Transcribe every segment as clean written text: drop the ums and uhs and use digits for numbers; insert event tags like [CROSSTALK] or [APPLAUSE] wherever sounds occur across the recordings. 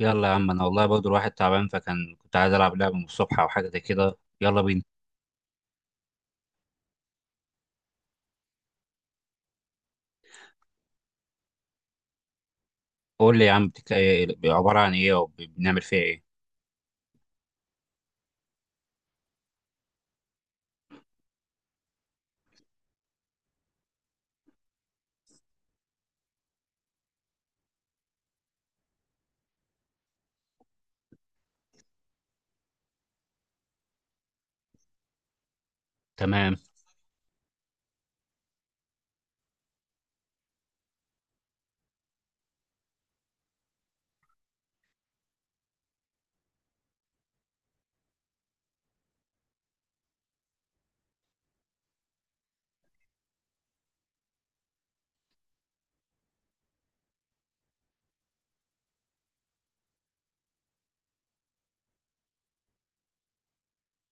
يلا يا عم، انا والله برضه الواحد تعبان، فكان كنت عايز العب لعبه من الصبح او حاجه زي كده. يلا بينا. قول لي يا عم. عباره عن ايه، او بنعمل فيها ايه؟ تمام.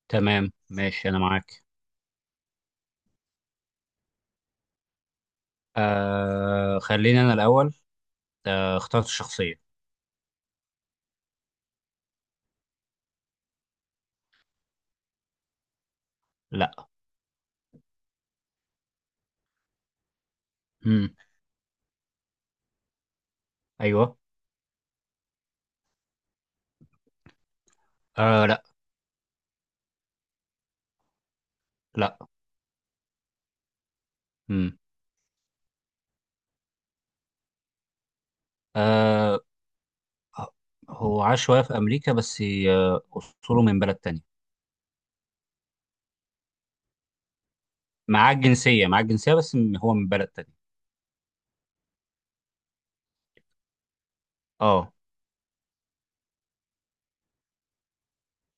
تمام، ماشي، انا معاك. خليني انا الاول. اخترت الشخصيه. لا. امم. ايوه. لا. لا. امم. آه هو عاش شويه في امريكا بس. آه اصوله من بلد تانية. معاه الجنسيه بس هو من بلد تانية. اه.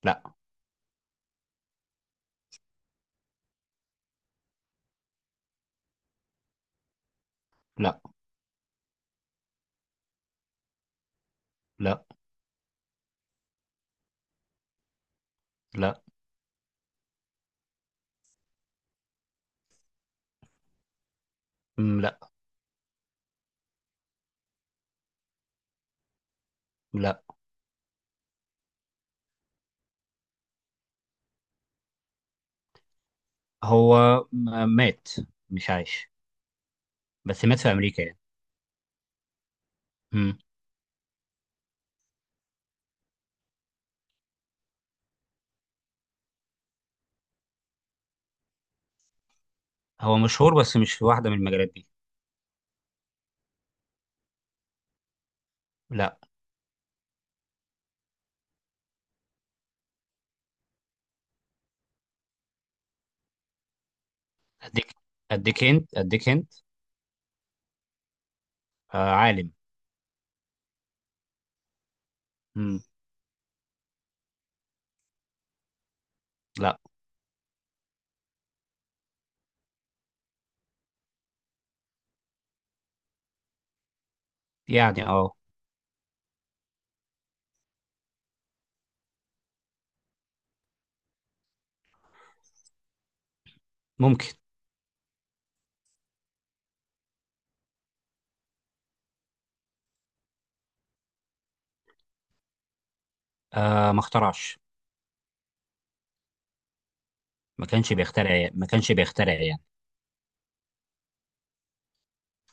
لا. لا. لا. لا. لا. لا. هو مات. مش عايش. بس مات في امريكا يعني. مم. هو مشهور بس مش في واحده من المجالات دي. لا. اديك اديك اديك انت. عالم. مم. لا. يعني اه. ممكن. ما اخترعش. ما كانش بيخترع يعني. ما كانش بيخترع يعني.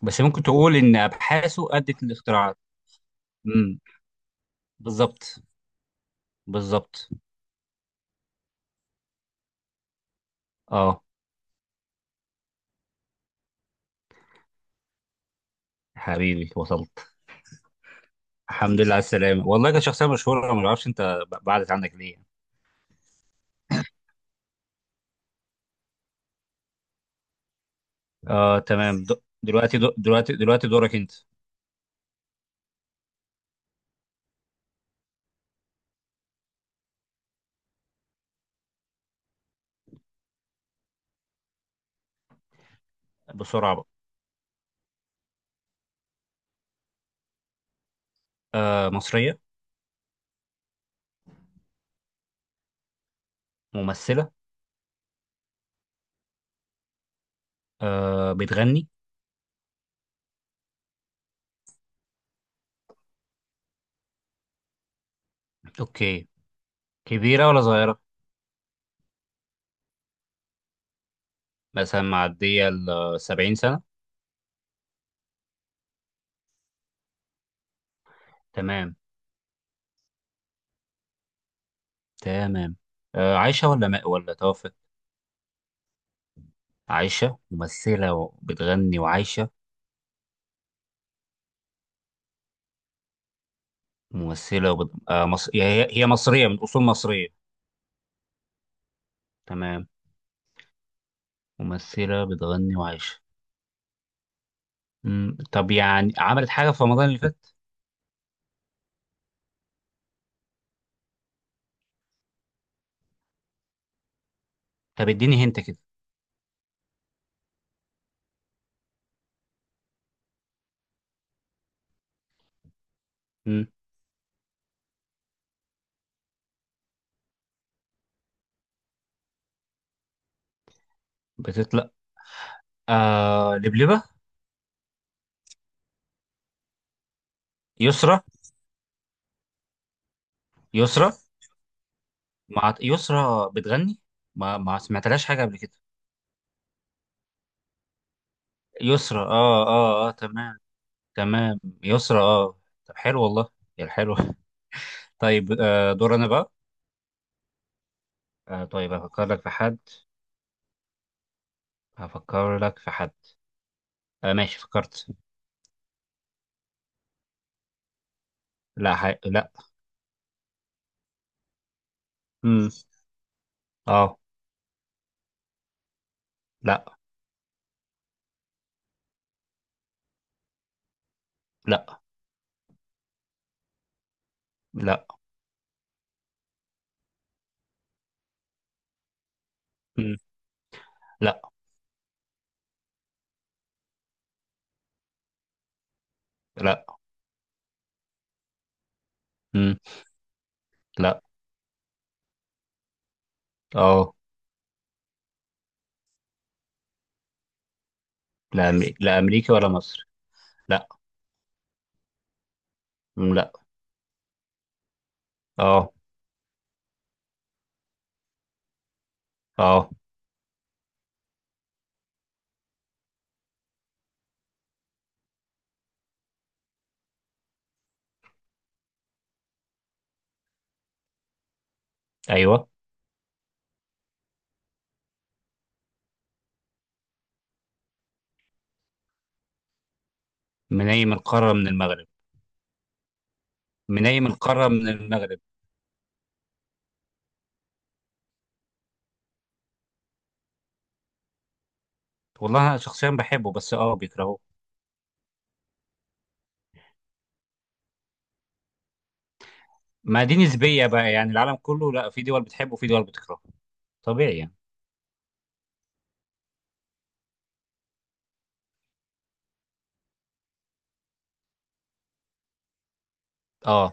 بس ممكن تقول ان ابحاثه ادت للاختراعات. مم. بالظبط. بالظبط. اه. حبيبي، وصلت. الحمد لله على السلامه. والله كانت شخصيه مشهوره، ما اعرفش انت بعدت عنك ليه. تمام. دلوقتي دورك انت. بسرعة بقى. مصرية. ممثلة. بتغني. اوكي. كبيرة ولا صغيرة؟ مثلا معدية ال 70 سنة؟ تمام. تمام. عايشة ولا ما ولا توفت؟ عايشة، ممثلة وبتغني وعايشة. ممثلة وبت... آه مص... هي هي مصرية من أصول مصرية. تمام. ممثلة بتغني وعايشة. مم. طب يعني عملت حاجة في رمضان اللي فات؟ طب اديني هنت كده. مم. بتطلع. لبلبة. يسرا. يسرا. مع يسرا بتغني. ما سمعتلهاش حاجة قبل كده. يسرا. اه تمام. تمام، يسرا، اه. طب حلو والله. يا حلو [LAUGHS] طيب، دور انا بقى. طيب هفكر لك في حد. هفكر لك في حد ماشي، فكرت. لا. لا. امم. اه. لا. لا. لا. مم. لا. لا. مم. لا. اه. لا. لا، امريكا ولا مصر. لا. مم. لا. اه. اه. ايوه. من قارة، من المغرب؟ منيم القارة، من المغرب. والله أنا شخصيا بحبه، بس أه بيكرهوه. ما دي نسبية بقى، يعني العالم كله لا، في دول بتحبه وفي دول بتكرهه. طبيعي يعني. أه.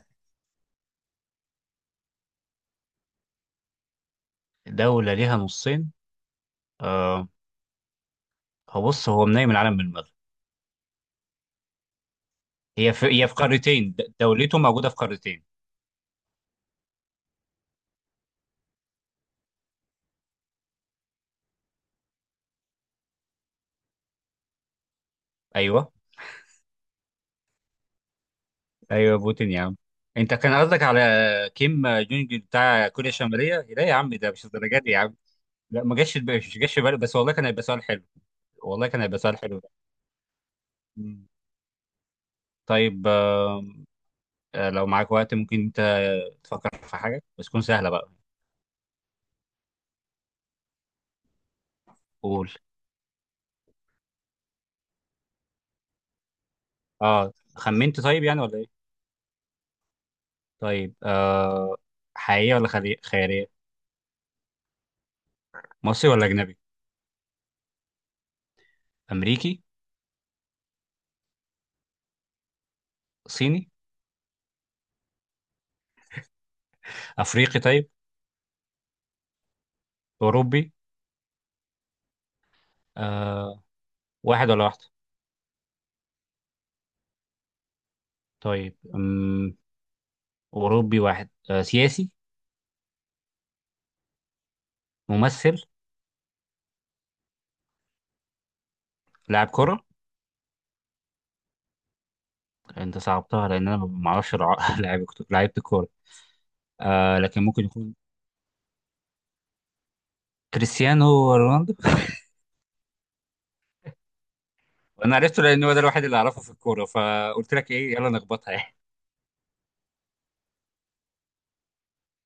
دولة ليها نصين. أه. هو بص، هو منيم العالم من المغرب. هي في قارتين. دولته موجودة في قارتين. أيوه. أيوه، بوتين يا عم. أنت كان قصدك على كيم جونج بتاع كوريا الشمالية. لا يا عم، ده مش الدرجة دي يا عم. لا، ما جاش في بالي- مش جاش في بالي، بس والله كان هيبقى سؤال حلو. والله كان هيبقى سؤال حلو. مم. طيب، لو معاك وقت، ممكن انت تفكر في حاجة بس تكون سهلة بقى. قول. اه، خمنت طيب يعني ولا ايه؟ طيب، حقيقية ولا خيالية؟ مصري ولا أجنبي؟ أمريكي؟ صيني؟ أفريقي طيب؟ أوروبي؟ آه واحد ولا واحدة؟ طيب أوروبي، واحد. سياسي؟ ممثل؟ لاعب كرة؟ انت صعبتها لأن أنا ما أعرفش لعيب [LAUGHS] لعيبة الكورة. لكن ممكن يكون كريستيانو رونالدو. وانا عرفته لان هو ده الوحيد اللي اعرفه في الكوره، فقلت لك ايه، يلا نخبطها يعني.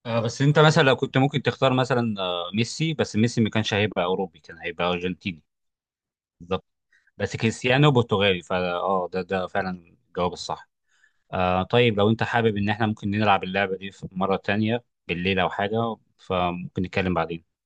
بس انت مثلا لو كنت ممكن تختار، مثلا ميسي، بس ميسي ما كانش هيبقى اوروبي، كان هيبقى ارجنتيني. بالظبط. بس كريستيانو برتغالي فا اه، ده فعلا الجواب الصح. طيب لو انت حابب ان احنا ممكن نلعب اللعبه دي في مره تانية بالليل او حاجه، فممكن نتكلم بعدين.